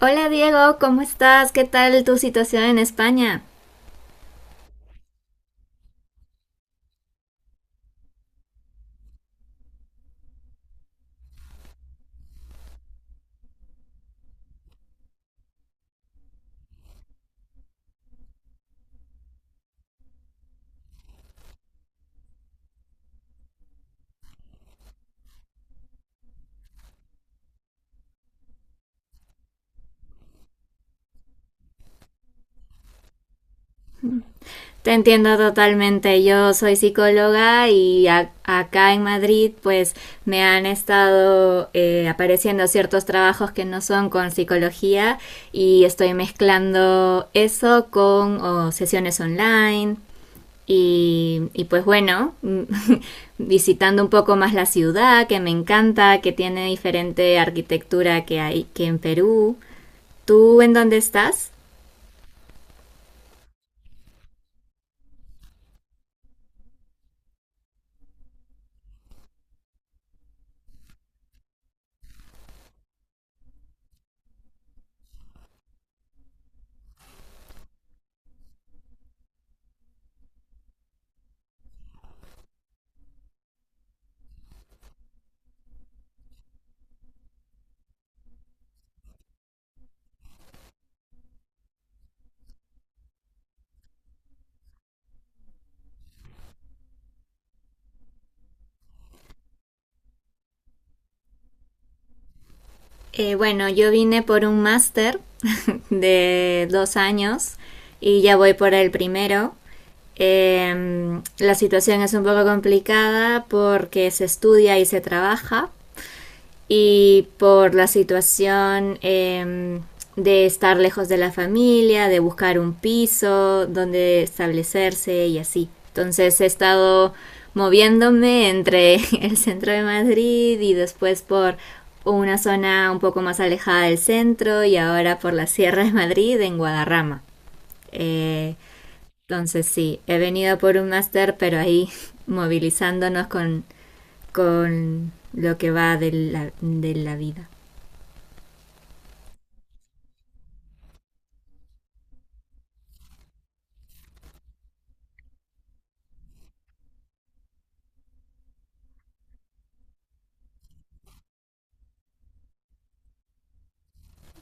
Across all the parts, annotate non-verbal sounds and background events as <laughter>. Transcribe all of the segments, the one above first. Hola Diego, ¿cómo estás? ¿Qué tal tu situación en España? Te entiendo totalmente. Yo soy psicóloga y acá en Madrid pues me han estado apareciendo ciertos trabajos que no son con psicología y estoy mezclando eso con sesiones online y, pues bueno, <laughs> visitando un poco más la ciudad que me encanta, que tiene diferente arquitectura que hay que en Perú. ¿Tú en dónde estás? Bueno, yo vine por un máster <laughs> de 2 años y ya voy por el primero. La situación es un poco complicada porque se estudia y se trabaja y por la situación de estar lejos de la familia, de buscar un piso donde establecerse y así. Entonces he estado moviéndome entre <laughs> el centro de Madrid y después por una zona un poco más alejada del centro y ahora por la Sierra de Madrid en Guadarrama. Eh, entonces sí, he venido por un máster, pero ahí <laughs> movilizándonos con lo que va de de la vida.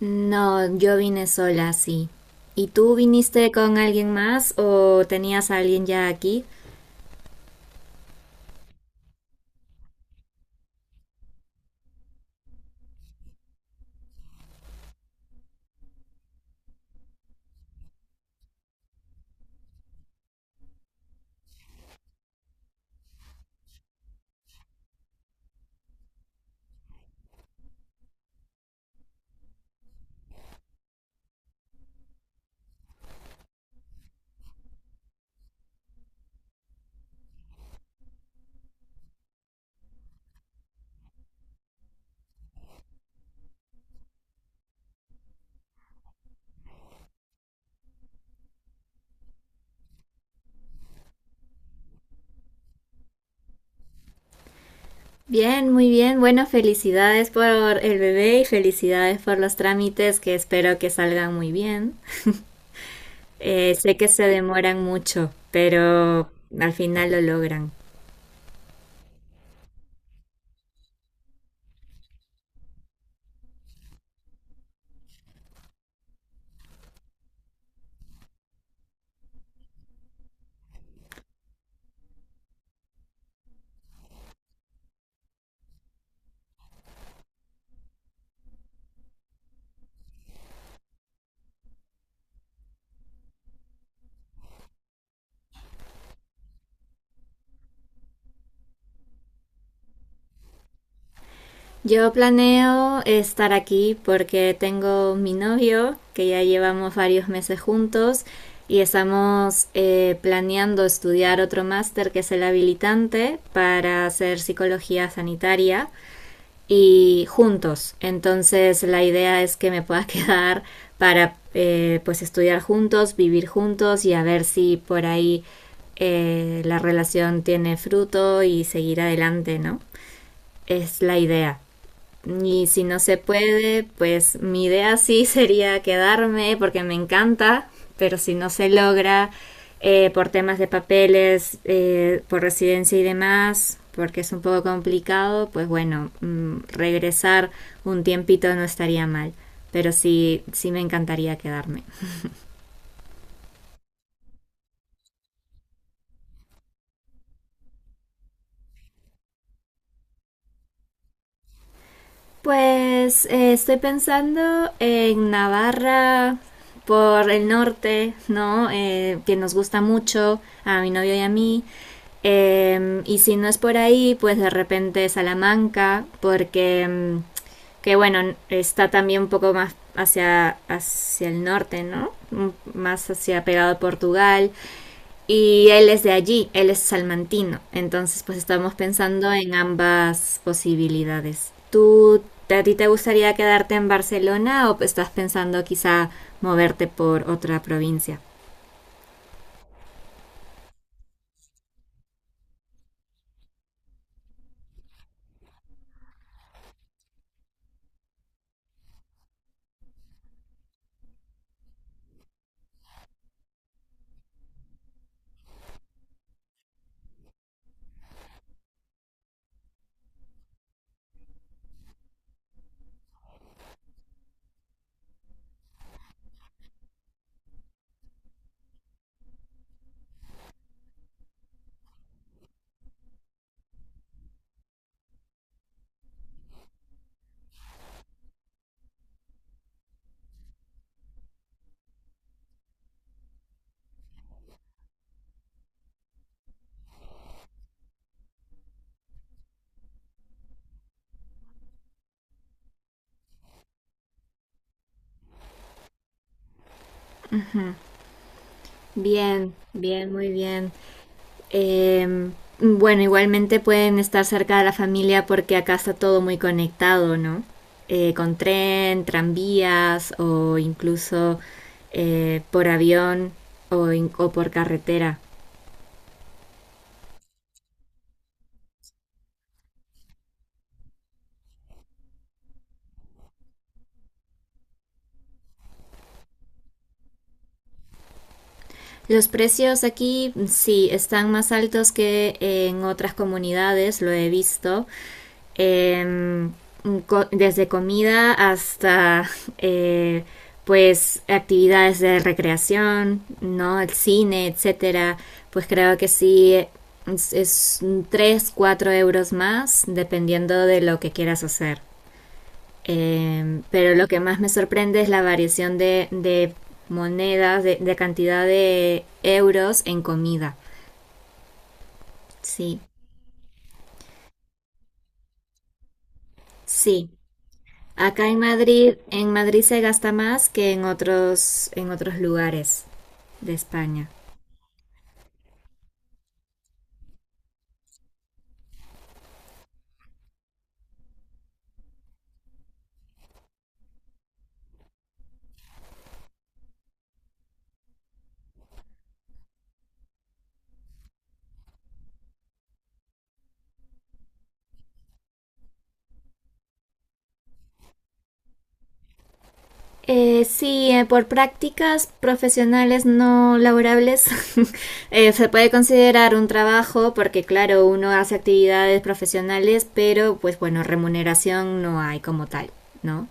No, yo vine sola, sí. ¿Y tú viniste con alguien más o tenías a alguien ya aquí? Bien, muy bien. Bueno, felicidades por el bebé y felicidades por los trámites que espero que salgan muy bien. Sé que se demoran mucho, pero al final lo logran. Yo planeo estar aquí porque tengo mi novio, que ya llevamos varios meses juntos, y estamos planeando estudiar otro máster que es el habilitante para hacer psicología sanitaria y juntos. Entonces la idea es que me pueda <laughs> quedar para pues estudiar juntos, vivir juntos y a ver si por ahí la relación tiene fruto y seguir adelante, ¿no? Es la idea. Y si no se puede, pues mi idea sí <laughs> sería quedarme porque me encanta, pero si no se logra por temas de papeles, por residencia y demás, porque es un poco complicado, pues bueno, regresar un tiempito no estaría mal, pero sí, sí me encantaría quedarme. Pues estoy pensando en Navarra por el norte, ¿no? Que nos gusta mucho a mi novio y a mí. Y si no es por ahí, pues de repente Salamanca, porque que bueno, está también un poco más hacia, hacia el norte, ¿no? Más hacia pegado a Portugal. Y él es de allí, él es salmantino. Entonces, pues estamos pensando en ambas posibilidades. ¿Tú, a ti te gustaría quedarte en Barcelona o estás pensando quizá moverte por otra provincia? Bien, bien, muy bien. Eh, bueno, igualmente pueden estar cerca de la familia porque acá está todo muy conectado, ¿no? Con tren, tranvías o incluso por avión o por carretera. Los precios aquí sí están más altos que en otras comunidades, lo he visto. Eh, Desde comida hasta <laughs> eh, pues actividades de recreación, ¿no? El cine, etcétera. Pues creo que sí es 3, 4 euros más, dependiendo de lo que quieras hacer. Pero lo que más me sorprende es la variación de monedas, de, cantidad de euros en comida. Sí, sí. Acá en Madrid se gasta más que en otros lugares de España. Sí, por prácticas profesionales no laborables <laughs> se puede considerar un trabajo porque claro, uno hace actividades profesionales, pero pues bueno, remuneración no hay como tal, ¿no?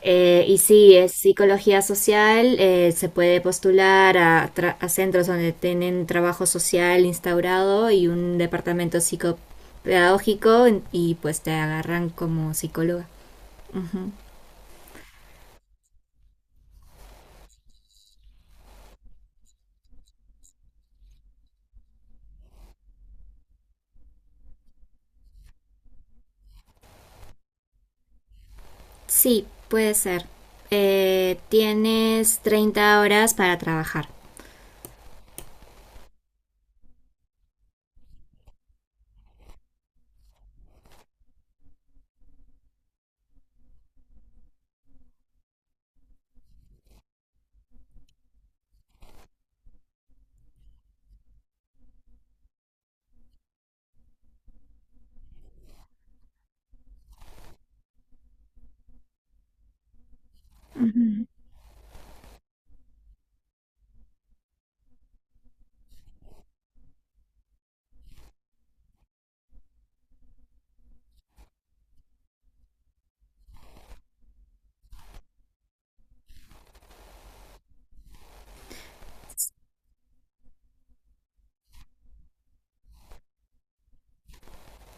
Y sí, es psicología social, se puede postular a, a centros donde tienen trabajo social instaurado y un departamento psicopedagógico y pues te agarran como psicóloga. Ujú. Sí, puede ser. Tienes 30 horas para trabajar.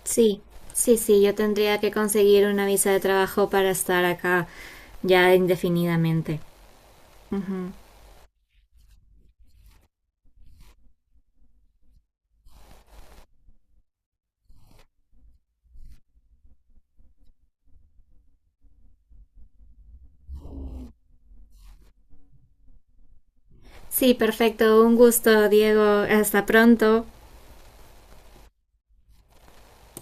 Sí, sí, sí, yo tendría que conseguir una visa de trabajo para estar acá ya indefinidamente. Ujú. Sí, perfecto, un gusto, Diego. Hasta pronto.